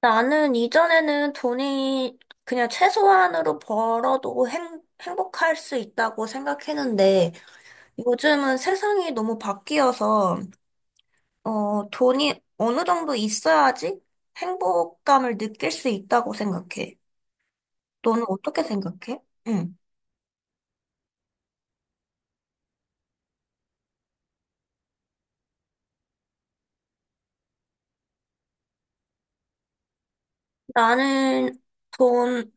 나는 이전에는 돈이 그냥 최소한으로 벌어도 행복할 수 있다고 생각했는데 요즘은 세상이 너무 바뀌어서 돈이 어느 정도 있어야지 행복감을 느낄 수 있다고 생각해. 너는 어떻게 생각해? 응. 나는 돈,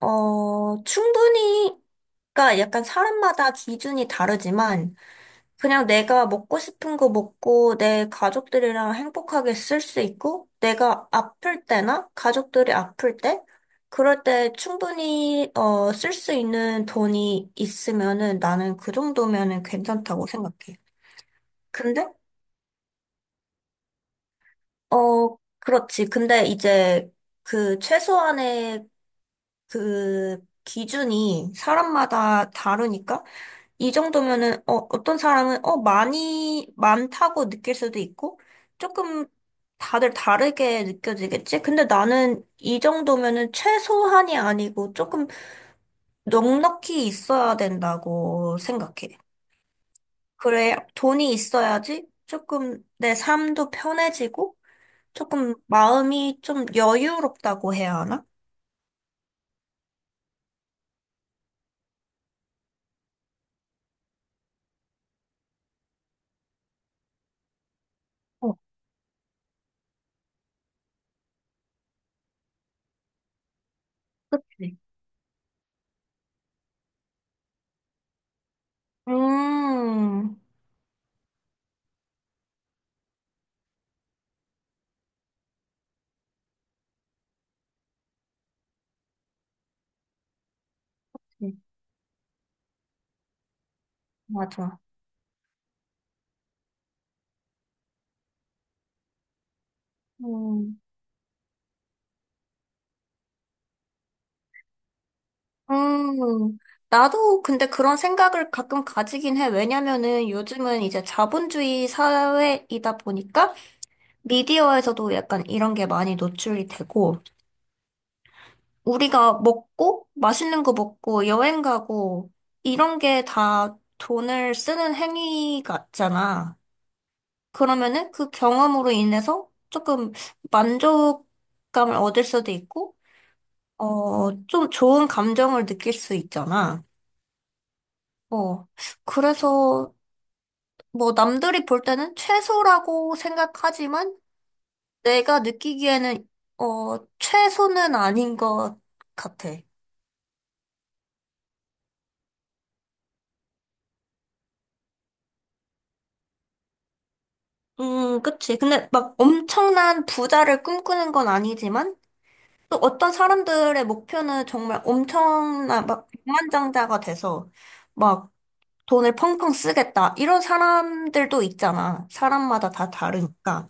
충분히, 그러니까 약간 사람마다 기준이 다르지만 그냥 내가 먹고 싶은 거 먹고 내 가족들이랑 행복하게 쓸 수 있고 내가 아플 때나 가족들이 아플 때 그럴 때 충분히 쓸 수 있는 돈이 있으면은 나는 그 정도면은 괜찮다고 생각해. 근데 어 그렇지. 근데 이제 그 최소한의 그 기준이 사람마다 다르니까 이 정도면은 어떤 사람은 많이 많다고 느낄 수도 있고 조금 다들 다르게 느껴지겠지? 근데 나는 이 정도면은 최소한이 아니고 조금 넉넉히 있어야 된다고 생각해. 그래, 돈이 있어야지 조금 내 삶도 편해지고 조금 마음이 좀 여유롭다고 해야 하나? 어, 그치. 음, 그치. 맞아. 음. 음, 나도 근데 그런 생각을 가끔 가지긴 해. 왜냐면은 요즘은 이제 자본주의 사회이다 보니까 미디어에서도 약간 이런 게 많이 노출이 되고, 우리가 먹고, 맛있는 거 먹고, 여행 가고, 이런 게 다 돈을 쓰는 행위 같잖아. 그러면은 그 경험으로 인해서 조금 만족감을 얻을 수도 있고, 좀 좋은 감정을 느낄 수 있잖아. 어, 그래서 뭐 남들이 볼 때는 최소라고 생각하지만 내가 느끼기에는 어 최소는 아닌 것 같아. 그치. 근데 막 엄청난 부자를 꿈꾸는 건 아니지만 또 어떤 사람들의 목표는 정말 엄청난 막 백만장자가 돼서 막 돈을 펑펑 쓰겠다. 이런 사람들도 있잖아. 사람마다 다 다르니까.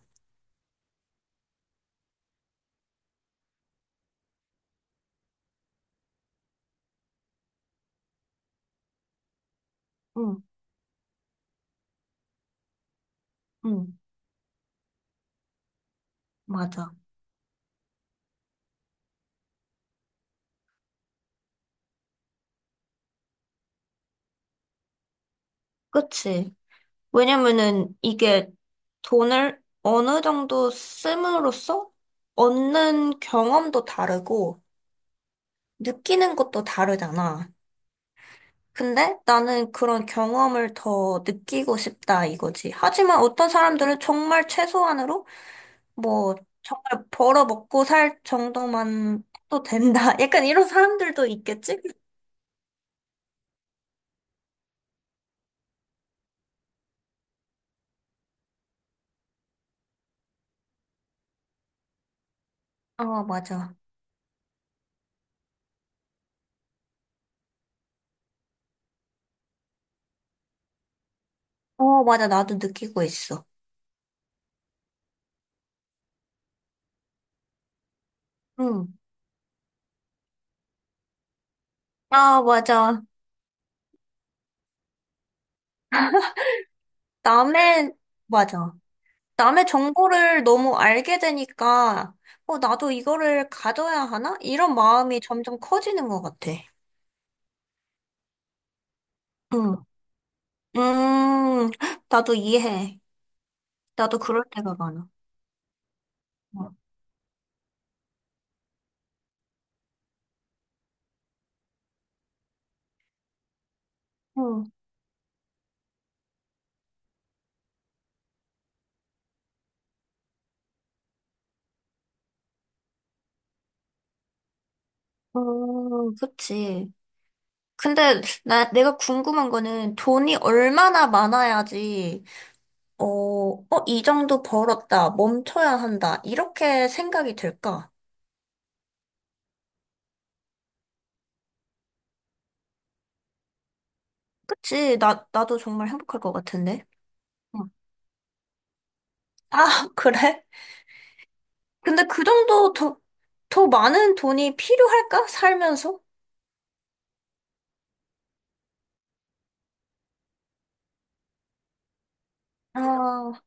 응, 응, 맞아. 그치. 왜냐면은 이게 돈을 어느 정도 씀으로써 얻는 경험도 다르고 느끼는 것도 다르잖아. 근데 나는 그런 경험을 더 느끼고 싶다 이거지. 하지만 어떤 사람들은 정말 최소한으로 뭐 정말 벌어 먹고 살 정도만 해도 된다. 약간 이런 사람들도 있겠지? 어, 맞아. 어, 맞아. 나도 느끼고 있어. 응. 아, 맞아. 남의, 맞아. 남의 정보를 너무 알게 되니까, 나도 이거를 가져야 하나? 이런 마음이 점점 커지는 것 같아. 응. 음, 나도 이해해. 나도 그럴 때가 많아. 응. 그치. 근데 나 내가 궁금한 거는 돈이 얼마나 많아야지 이 정도 벌었다, 멈춰야 한다 이렇게 생각이 들까? 그치? 나 나도 정말 행복할 것 같은데. 응. 아, 그래? 근데 그 정도 더, 더 많은 돈이 필요할까? 살면서? 아,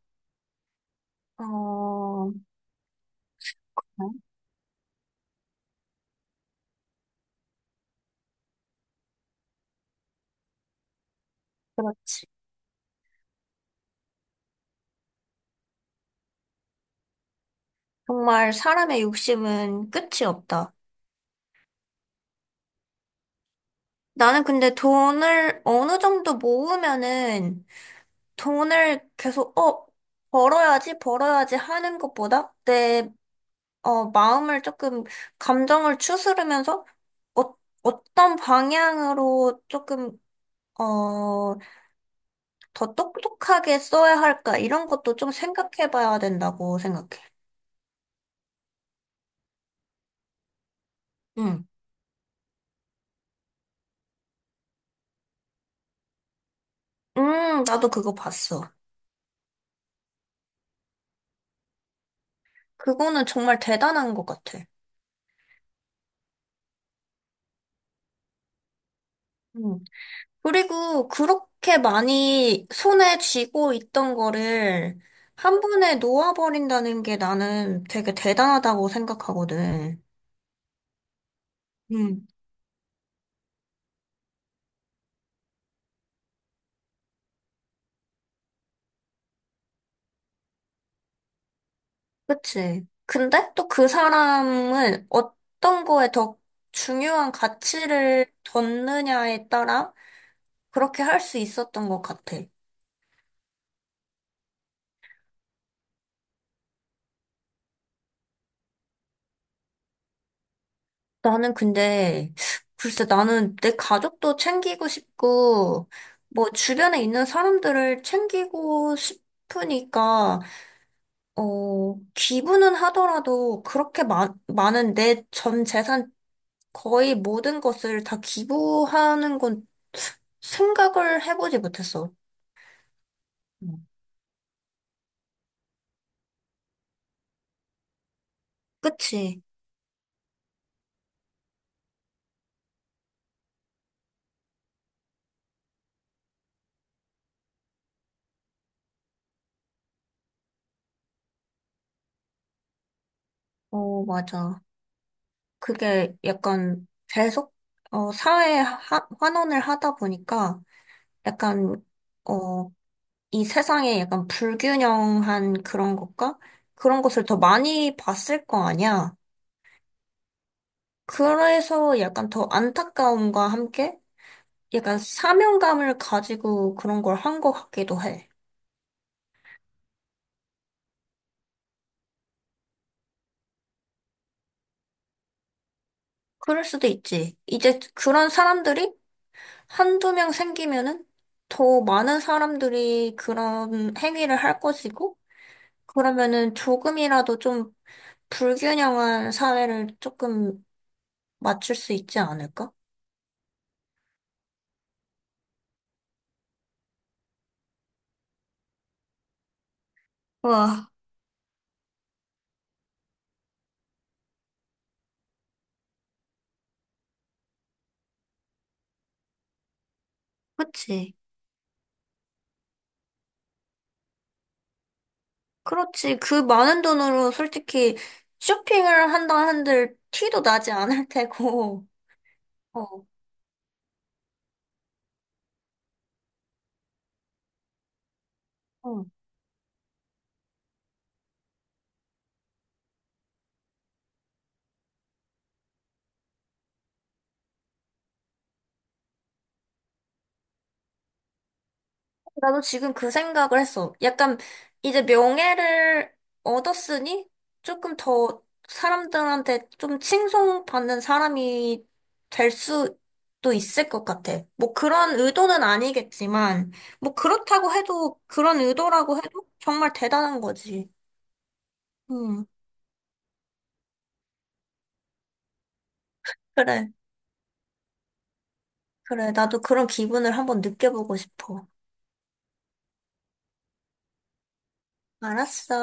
어, 어, 그렇지. 정말 사람의 욕심은 끝이 없다. 나는 근데 돈을 어느 정도 모으면은 돈을 계속, 벌어야지, 벌어야지 하는 것보다 내, 마음을 조금, 감정을 추스르면서 어, 어떤 방향으로 조금, 어, 더 똑똑하게 써야 할까? 이런 것도 좀 생각해 봐야 된다고 생각해. 응. 나도 그거 봤어. 그거는 정말 대단한 것 같아. 음. 그리고 그렇게 많이 손에 쥐고 있던 거를 한 번에 놓아버린다는 게 나는 되게 대단하다고 생각하거든. 음. 그치? 근데 또 그 사람은 어떤 거에 더 중요한 가치를 뒀느냐에 따라 그렇게 할 수 있었던 것 같아. 나는 근데, 글쎄, 나는 내 가족도 챙기고 싶고, 뭐, 주변에 있는 사람들을 챙기고 싶으니까, 기부는 하더라도 그렇게 많은 내 전 재산 거의 모든 것을 다 기부하는 건 생각을 해보지 못했어. 음. 그치? 어, 맞아. 그게 약간 계속, 사회에 환원을 하다 보니까, 약간, 어, 이 세상에 약간 불균형한 그런 것과 그런 것을 더 많이 봤을 거 아니야. 그래서 약간 더 안타까움과 함께 약간 사명감을 가지고 그런 걸 한 것 같기도 해. 그럴 수도 있지. 이제 그런 사람들이 한두 명 생기면은 더 많은 사람들이 그런 행위를 할 것이고, 그러면은 조금이라도 좀 불균형한 사회를 조금 맞출 수 있지 않을까? 와, 그치. 그렇지. 그 많은 돈으로 솔직히 쇼핑을 한다 한들 티도 나지 않을 테고. 어, 어. 나도 지금 그 생각을 했어. 약간 이제 명예를 얻었으니 조금 더 사람들한테 좀 칭송받는 사람이 될 수도 있을 것 같아. 뭐 그런 의도는 아니겠지만, 뭐 그렇다고 해도, 그런 의도라고 해도 정말 대단한 거지. 음, 그래. 그래, 나도 그런 기분을 한번 느껴보고 싶어. 알았어.